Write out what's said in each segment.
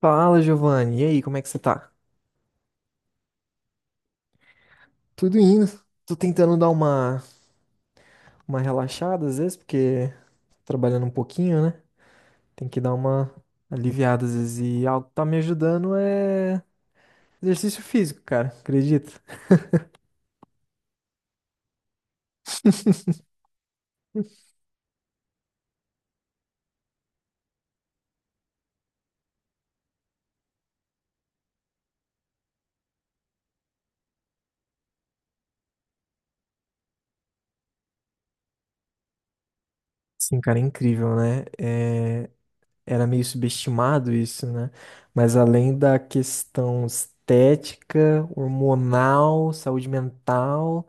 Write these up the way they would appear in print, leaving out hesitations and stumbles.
Fala, Giovanni. E aí, como é que você tá? Tudo indo. Tô tentando dar uma relaxada às vezes, porque trabalhando um pouquinho, né? Tem que dar uma aliviada às vezes. E algo que tá me ajudando é exercício físico, cara. Acredita? Sim, cara, é incrível, né? Era meio subestimado isso, né? Mas além da questão estética, hormonal, saúde mental.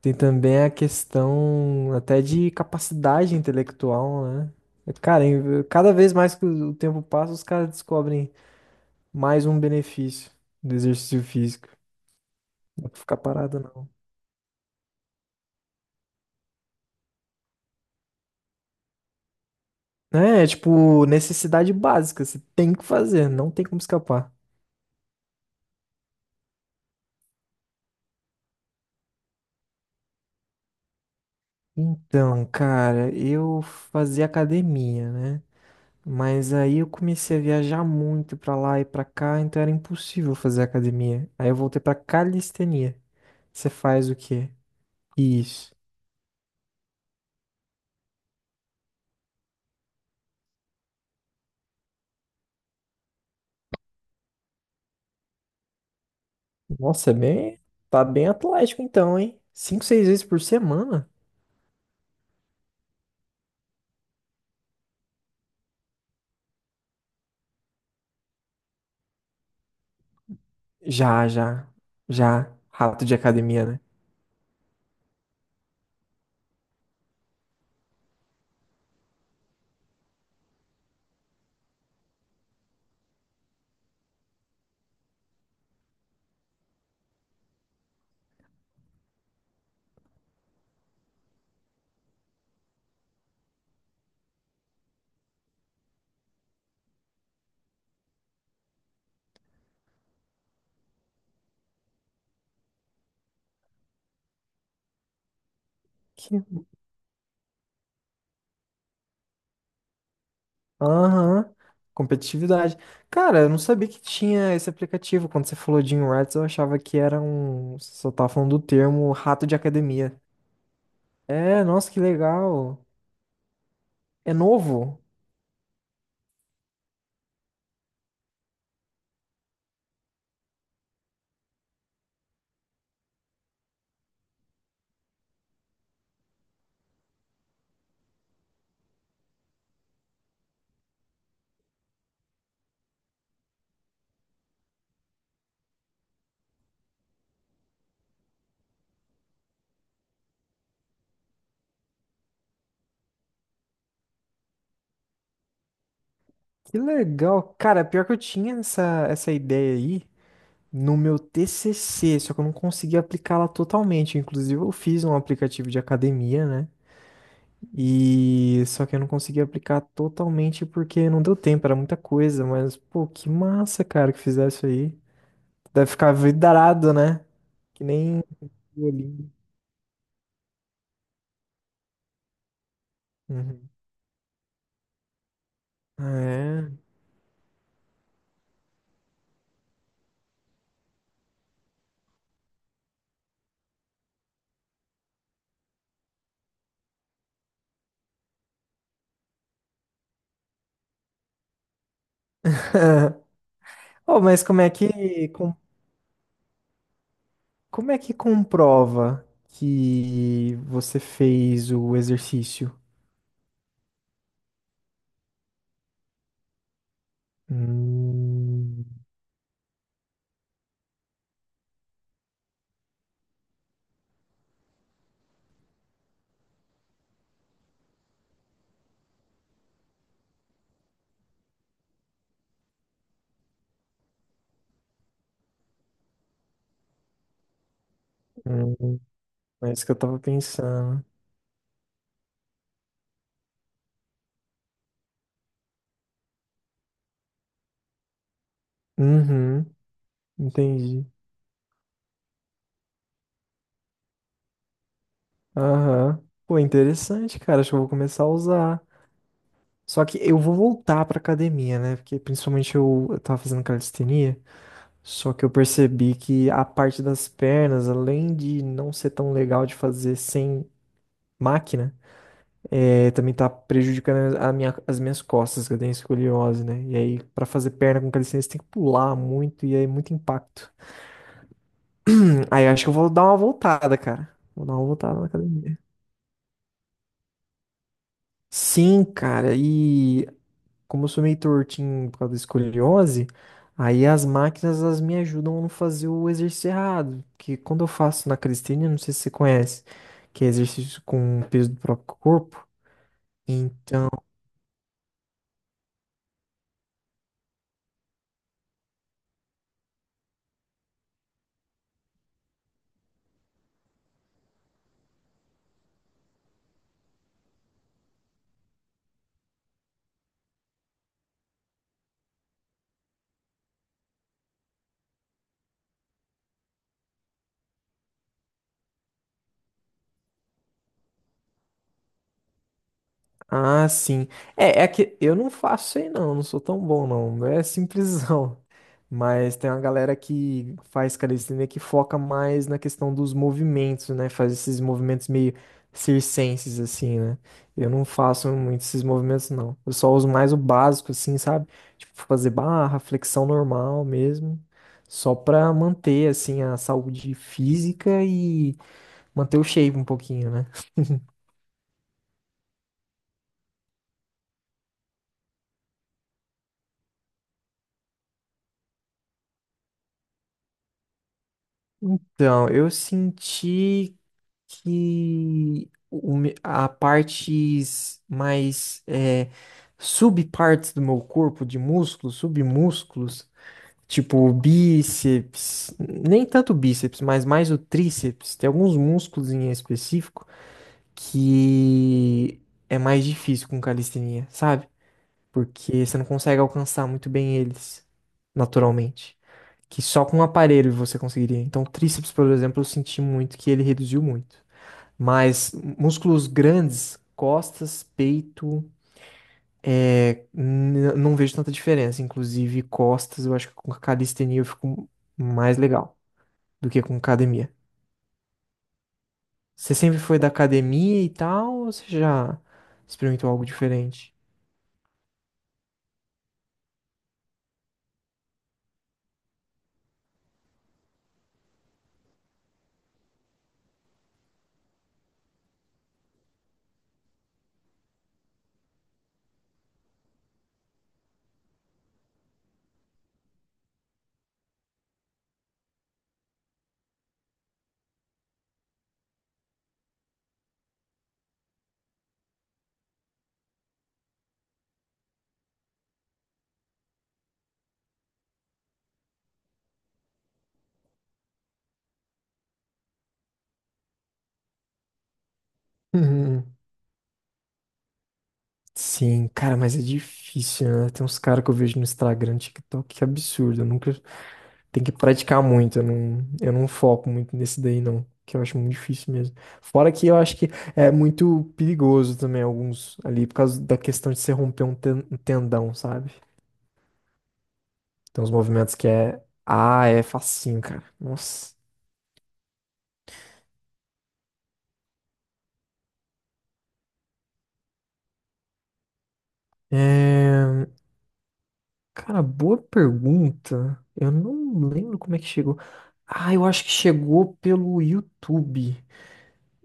Tem também a questão até de capacidade intelectual, né? Cara, cada vez mais que o tempo passa, os caras descobrem mais um benefício do exercício físico. Não dá pra ficar parado, não. Né? É, tipo, necessidade básica, você tem que fazer, não tem como escapar. Então, cara, eu fazia academia, né? Mas aí eu comecei a viajar muito pra lá e pra cá, então era impossível fazer academia. Aí eu voltei pra calistenia. Você faz o quê? Isso. Nossa, é bem. Tá bem atlético então, hein? Cinco, seis vezes por semana? Já, já. Já. Rato de academia, né? Que- Aham. Competitividade. Cara, eu não sabia que tinha esse aplicativo. Quando você falou de Rats, eu achava que era um. Você só tava falando do termo rato de academia. É, nossa, que legal. É novo? Que legal. Cara, pior que eu tinha essa ideia aí no meu TCC, só que eu não consegui aplicá-la totalmente. Inclusive, eu fiz um aplicativo de academia, né? E só que eu não consegui aplicar totalmente porque não deu tempo, era muita coisa. Mas, pô, que massa, cara, que fizesse isso aí. Deve ficar vidrado, né? Que nem um bolinho. Uhum. É. Oh, mas como é que comprova que você fez o exercício? Hum, hum, é isso que eu tava pensando. Uhum, entendi. Aham. Pô, interessante, cara. Acho que eu vou começar a usar. Só que eu vou voltar pra academia, né? Porque principalmente eu tava fazendo calistenia. Só que eu percebi que a parte das pernas, além de não ser tão legal de fazer sem máquina, é, também tá prejudicando as minhas costas, que eu tenho escoliose, né? E aí, pra fazer perna com calistenia, você tem que pular muito e aí é muito impacto. Aí acho que eu vou dar uma voltada, cara. Vou dar uma voltada na academia. Sim, cara, e como eu sou meio tortinho por causa da escoliose, aí as máquinas elas me ajudam a não fazer o exercício errado, que quando eu faço na calistenia, não sei se você conhece, que é exercício com o peso do próprio corpo, então Ah, sim. É, é que eu não faço isso aí não, não sou tão bom não. É simplesão. Mas tem uma galera que faz calistenia que foca mais na questão dos movimentos, né? Faz esses movimentos meio circenses assim, né? Eu não faço muito esses movimentos não. Eu só uso mais o básico assim, sabe? Tipo fazer barra, flexão normal mesmo, só pra manter assim a saúde física e manter o shape um pouquinho, né? Então, eu senti que a partes mais é, subpartes do meu corpo, de músculos, submúsculos, tipo o bíceps, nem tanto o bíceps, mas mais o tríceps, tem alguns músculos em específico que é mais difícil com calistenia, sabe? Porque você não consegue alcançar muito bem eles naturalmente. Que só com um aparelho você conseguiria. Então, o tríceps, por exemplo, eu senti muito que ele reduziu muito. Mas músculos grandes, costas, peito, é, não vejo tanta diferença. Inclusive, costas, eu acho que com calistenia eu fico mais legal do que com academia. Você sempre foi da academia e tal, ou você já experimentou algo diferente? Uhum. Sim, cara, mas é difícil, né? Tem uns caras que eu vejo no Instagram, TikTok, que absurdo. Eu nunca Tem que praticar muito, eu não foco muito nesse daí, não. Que eu acho muito difícil mesmo. Fora que eu acho que é muito perigoso também, alguns ali, por causa da questão de você um tendão, sabe? Tem uns movimentos que é. Ah, é facinho, cara. Nossa. É... Cara, boa pergunta. Eu não lembro como é que chegou. Ah, eu acho que chegou pelo YouTube.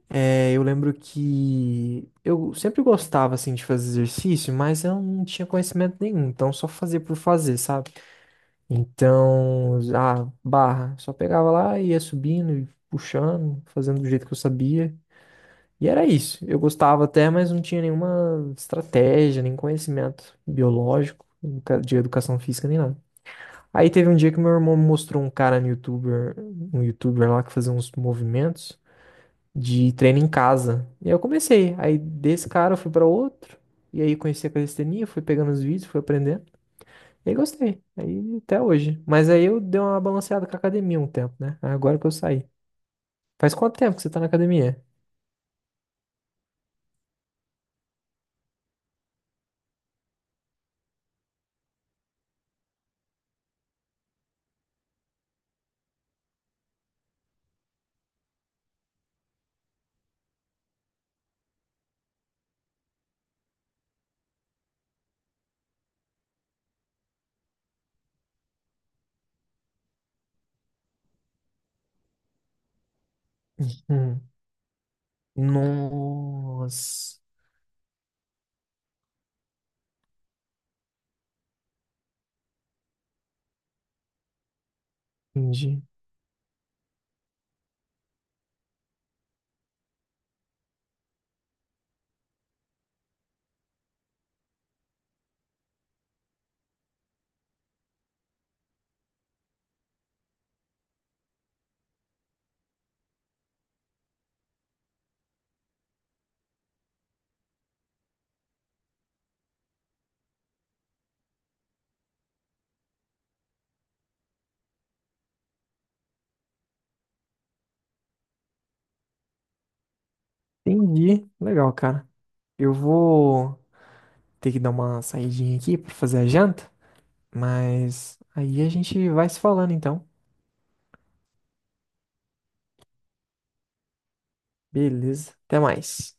É, eu lembro que eu sempre gostava assim de fazer exercício, mas eu não tinha conhecimento nenhum, então só fazia por fazer, sabe? Então, a barra, só pegava lá e ia subindo, e puxando, fazendo do jeito que eu sabia. E era isso. Eu gostava até, mas não tinha nenhuma estratégia, nem conhecimento biológico, de educação física, nem nada. Aí teve um dia que meu irmão me mostrou um cara no YouTuber, um YouTuber lá que fazia uns movimentos de treino em casa. E aí eu comecei. Aí desse cara eu fui pra outro. E aí conheci a calistenia, fui pegando os vídeos, fui aprendendo. E aí gostei. Aí até hoje. Mas aí eu dei uma balanceada com a academia um tempo, né? Agora que eu saí. Faz quanto tempo que você tá na academia? Hum. Nossa. Entendi. Entendi. Legal, cara. Eu vou ter que dar uma saidinha aqui pra fazer a janta. Mas aí a gente vai se falando então. Beleza. Até mais.